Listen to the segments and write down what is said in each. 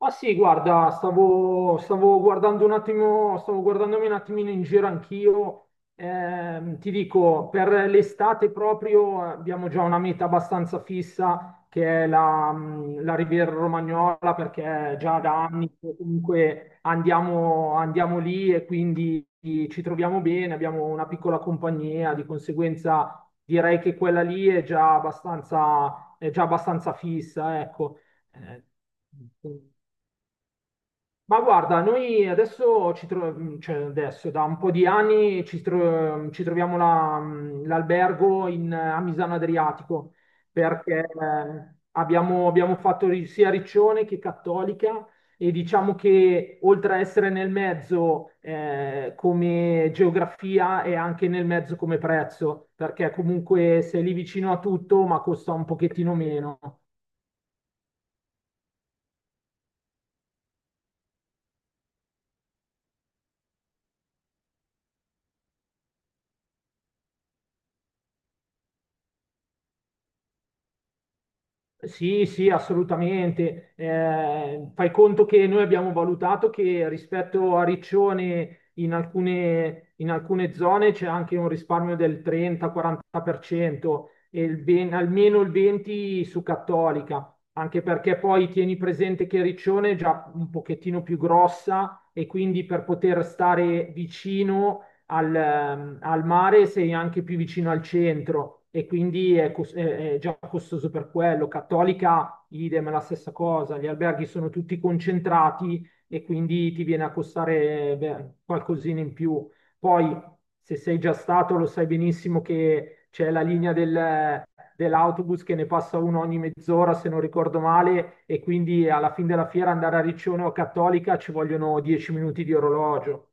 Ah sì, guarda, stavo guardando un attimo, stavo guardandomi un attimino in giro anch'io. Ti dico, per l'estate proprio abbiamo già una meta abbastanza fissa che è la Riviera Romagnola, perché già da anni che comunque andiamo lì, e quindi ci troviamo bene, abbiamo una piccola compagnia. Di conseguenza direi che quella lì è già abbastanza fissa, ecco. Eh, ma guarda, noi adesso, cioè adesso da un po' di anni ci troviamo l'albergo a Misano Adriatico, perché abbiamo fatto sia Riccione che Cattolica, e diciamo che oltre a essere nel mezzo come geografia, è anche nel mezzo come prezzo, perché comunque sei lì vicino a tutto ma costa un pochettino meno. Sì, sì, assolutamente. Fai conto che noi abbiamo valutato che rispetto a Riccione, in alcune zone c'è anche un risparmio del 30-40%, e il almeno il 20% su Cattolica. Anche perché poi tieni presente che Riccione è già un pochettino più grossa, e quindi per poter stare vicino al mare sei anche più vicino al centro, e quindi è già costoso per quello. Cattolica, idem, è la stessa cosa. Gli alberghi sono tutti concentrati e quindi ti viene a costare, beh, qualcosina in più. Poi, se sei già stato, lo sai benissimo che c'è la linea dell'autobus, che ne passa uno ogni mezz'ora, se non ricordo male, e quindi alla fine della fiera, andare a Riccione o a Cattolica, ci vogliono 10 minuti di orologio.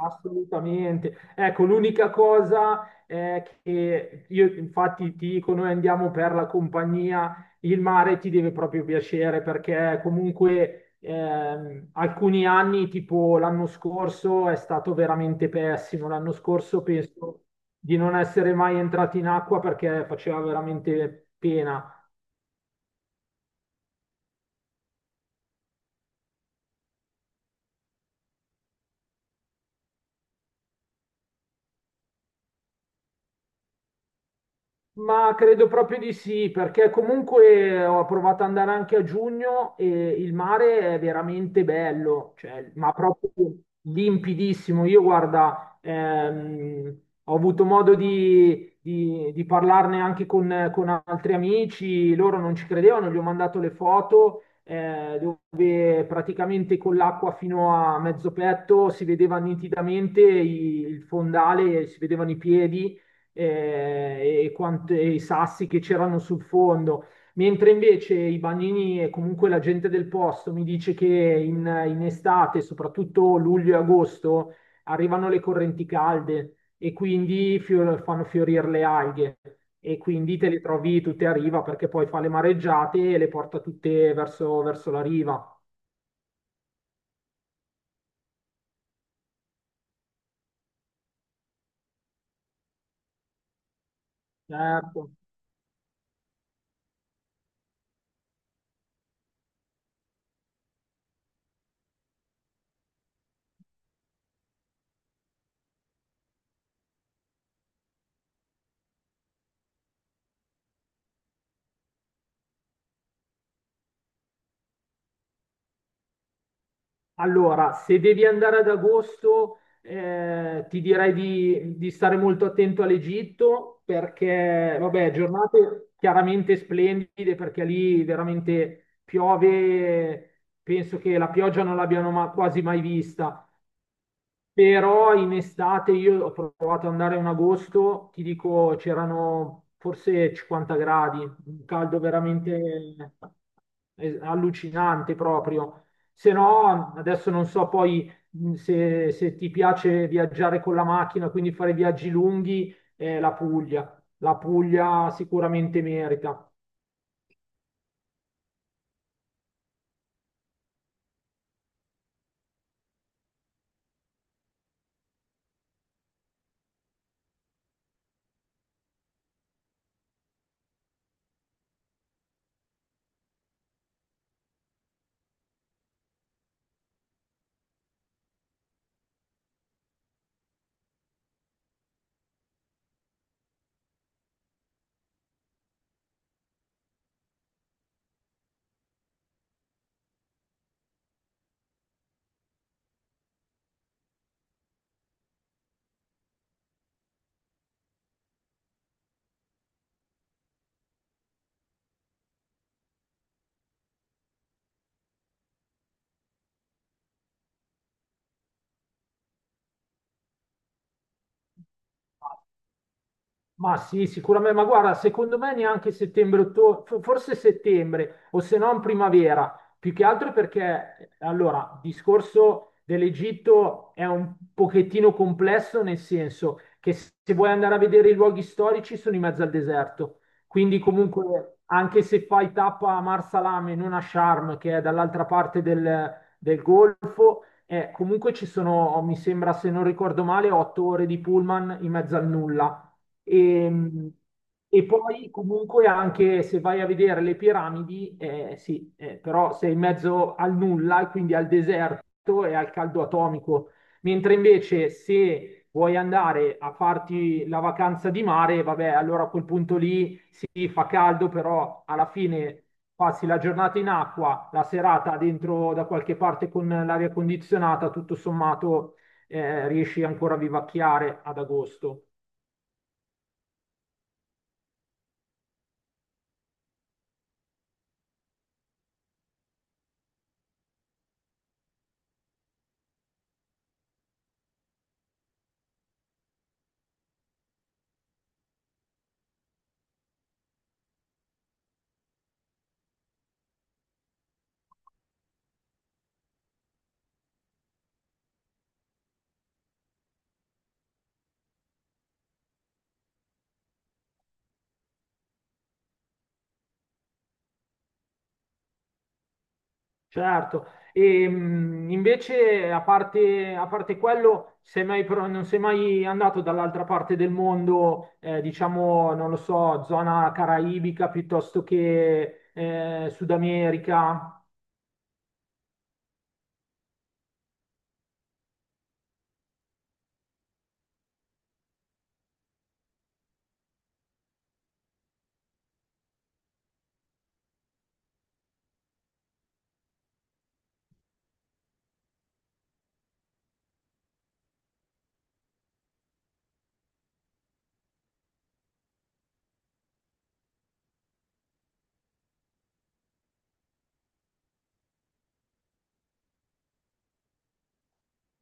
Assolutamente. Ecco, l'unica cosa è che, io infatti ti dico, noi andiamo per la compagnia, il mare ti deve proprio piacere, perché comunque alcuni anni, tipo l'anno scorso, è stato veramente pessimo. L'anno scorso penso di non essere mai entrati in acqua, perché faceva veramente pena. Ma credo proprio di sì, perché comunque ho provato ad andare anche a giugno, e il mare è veramente bello, cioè, ma proprio limpidissimo. Io guarda, ho avuto modo di parlarne anche con altri amici, loro non ci credevano, gli ho mandato le foto dove praticamente con l'acqua fino a mezzo petto si vedeva nitidamente il fondale, si vedevano i piedi e i sassi che c'erano sul fondo. Mentre invece i bagnini e comunque la gente del posto mi dice che in estate, soprattutto luglio e agosto, arrivano le correnti calde, e quindi fanno fiorire le alghe. E quindi te le trovi tutte a riva, perché poi fa le mareggiate e le porta tutte verso la riva. Certo. Allora, se devi andare ad agosto, ti direi di stare molto attento all'Egitto, perché, vabbè, giornate chiaramente splendide, perché lì veramente piove, penso che la pioggia non l'abbiano quasi mai vista. Però in estate io ho provato ad andare in agosto, ti dico, c'erano forse 50 gradi, un caldo veramente allucinante proprio. Se no, adesso non so poi se ti piace viaggiare con la macchina, quindi fare viaggi lunghi, la Puglia. La Puglia sicuramente merita. Ma sì, sicuramente, ma guarda, secondo me neanche settembre, ottobre, forse settembre, o se no in primavera, più che altro perché, allora, il discorso dell'Egitto è un pochettino complesso, nel senso che se vuoi andare a vedere i luoghi storici sono in mezzo al deserto. Quindi comunque anche se fai tappa a Marsalam e non a Sharm, che è dall'altra parte del Golfo, comunque ci sono, mi sembra, se non ricordo male, 8 ore di pullman in mezzo al nulla, e, e poi comunque anche se vai a vedere le piramidi, sì, però sei in mezzo al nulla, e quindi al deserto e al caldo atomico. Mentre invece se vuoi andare a farti la vacanza di mare, vabbè, allora a quel punto lì sì, fa caldo, però alla fine passi la giornata in acqua, la serata dentro da qualche parte con l'aria condizionata, tutto sommato riesci ancora a vivacchiare ad agosto. Certo. E invece a parte quello, sei mai pro- non sei mai andato dall'altra parte del mondo, diciamo, non lo so, zona caraibica piuttosto che Sud America?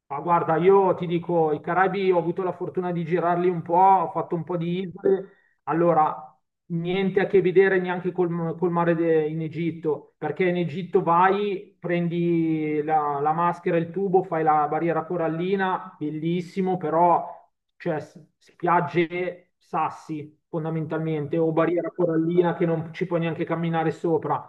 Ma guarda, io ti dico, i Caraibi ho avuto la fortuna di girarli un po', ho fatto un po' di isole. Allora, niente a che vedere neanche col mare in Egitto, perché in Egitto vai, prendi la maschera, il tubo, fai la barriera corallina, bellissimo, però, cioè, spiagge, sassi fondamentalmente, o barriera corallina che non ci puoi neanche camminare sopra.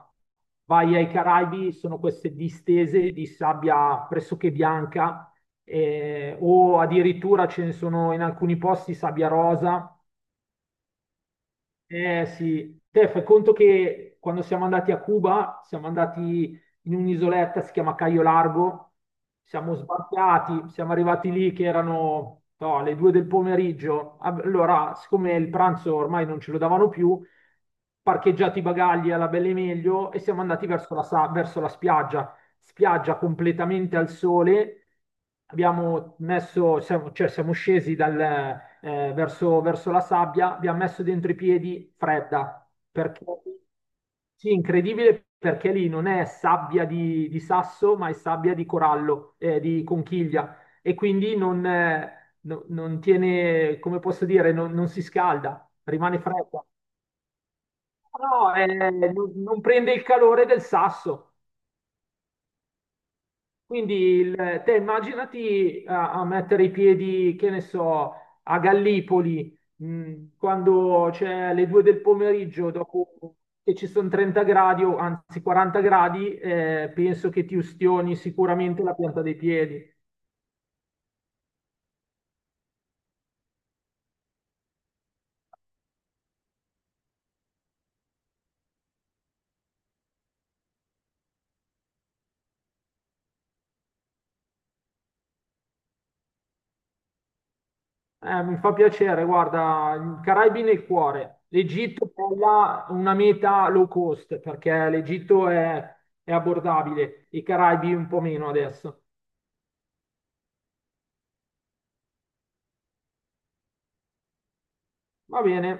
Vai ai Caraibi, sono queste distese di sabbia pressoché bianca, o addirittura ce ne sono in alcuni posti sabbia rosa. Eh sì, te fai conto che quando siamo andati a Cuba, siamo andati in un'isoletta, si chiama Cayo Largo, siamo sbarcati, siamo arrivati lì che erano, no, le 2 del pomeriggio. Ah, allora, siccome il pranzo ormai non ce lo davano più, parcheggiati i bagagli alla belle meglio, e siamo andati verso la spiaggia. Spiaggia completamente al sole. Cioè siamo scesi verso la sabbia, abbiamo messo dentro i piedi, fredda, perché sì, incredibile, perché lì non è sabbia di sasso, ma è sabbia di corallo, di conchiglia, e quindi non tiene, come posso dire, non si scalda, rimane fredda. No, non prende il calore del sasso. Quindi te immaginati a mettere i piedi, che ne so, a Gallipoli, quando c'è le 2 del pomeriggio, dopo che ci sono 30 gradi, o anzi 40 gradi, penso che ti ustioni sicuramente la pianta dei piedi. Mi fa piacere, guarda, i Caraibi nel cuore. L'Egitto poi là, una meta low cost, perché l'Egitto è abbordabile, i Caraibi un po' meno adesso. Va bene.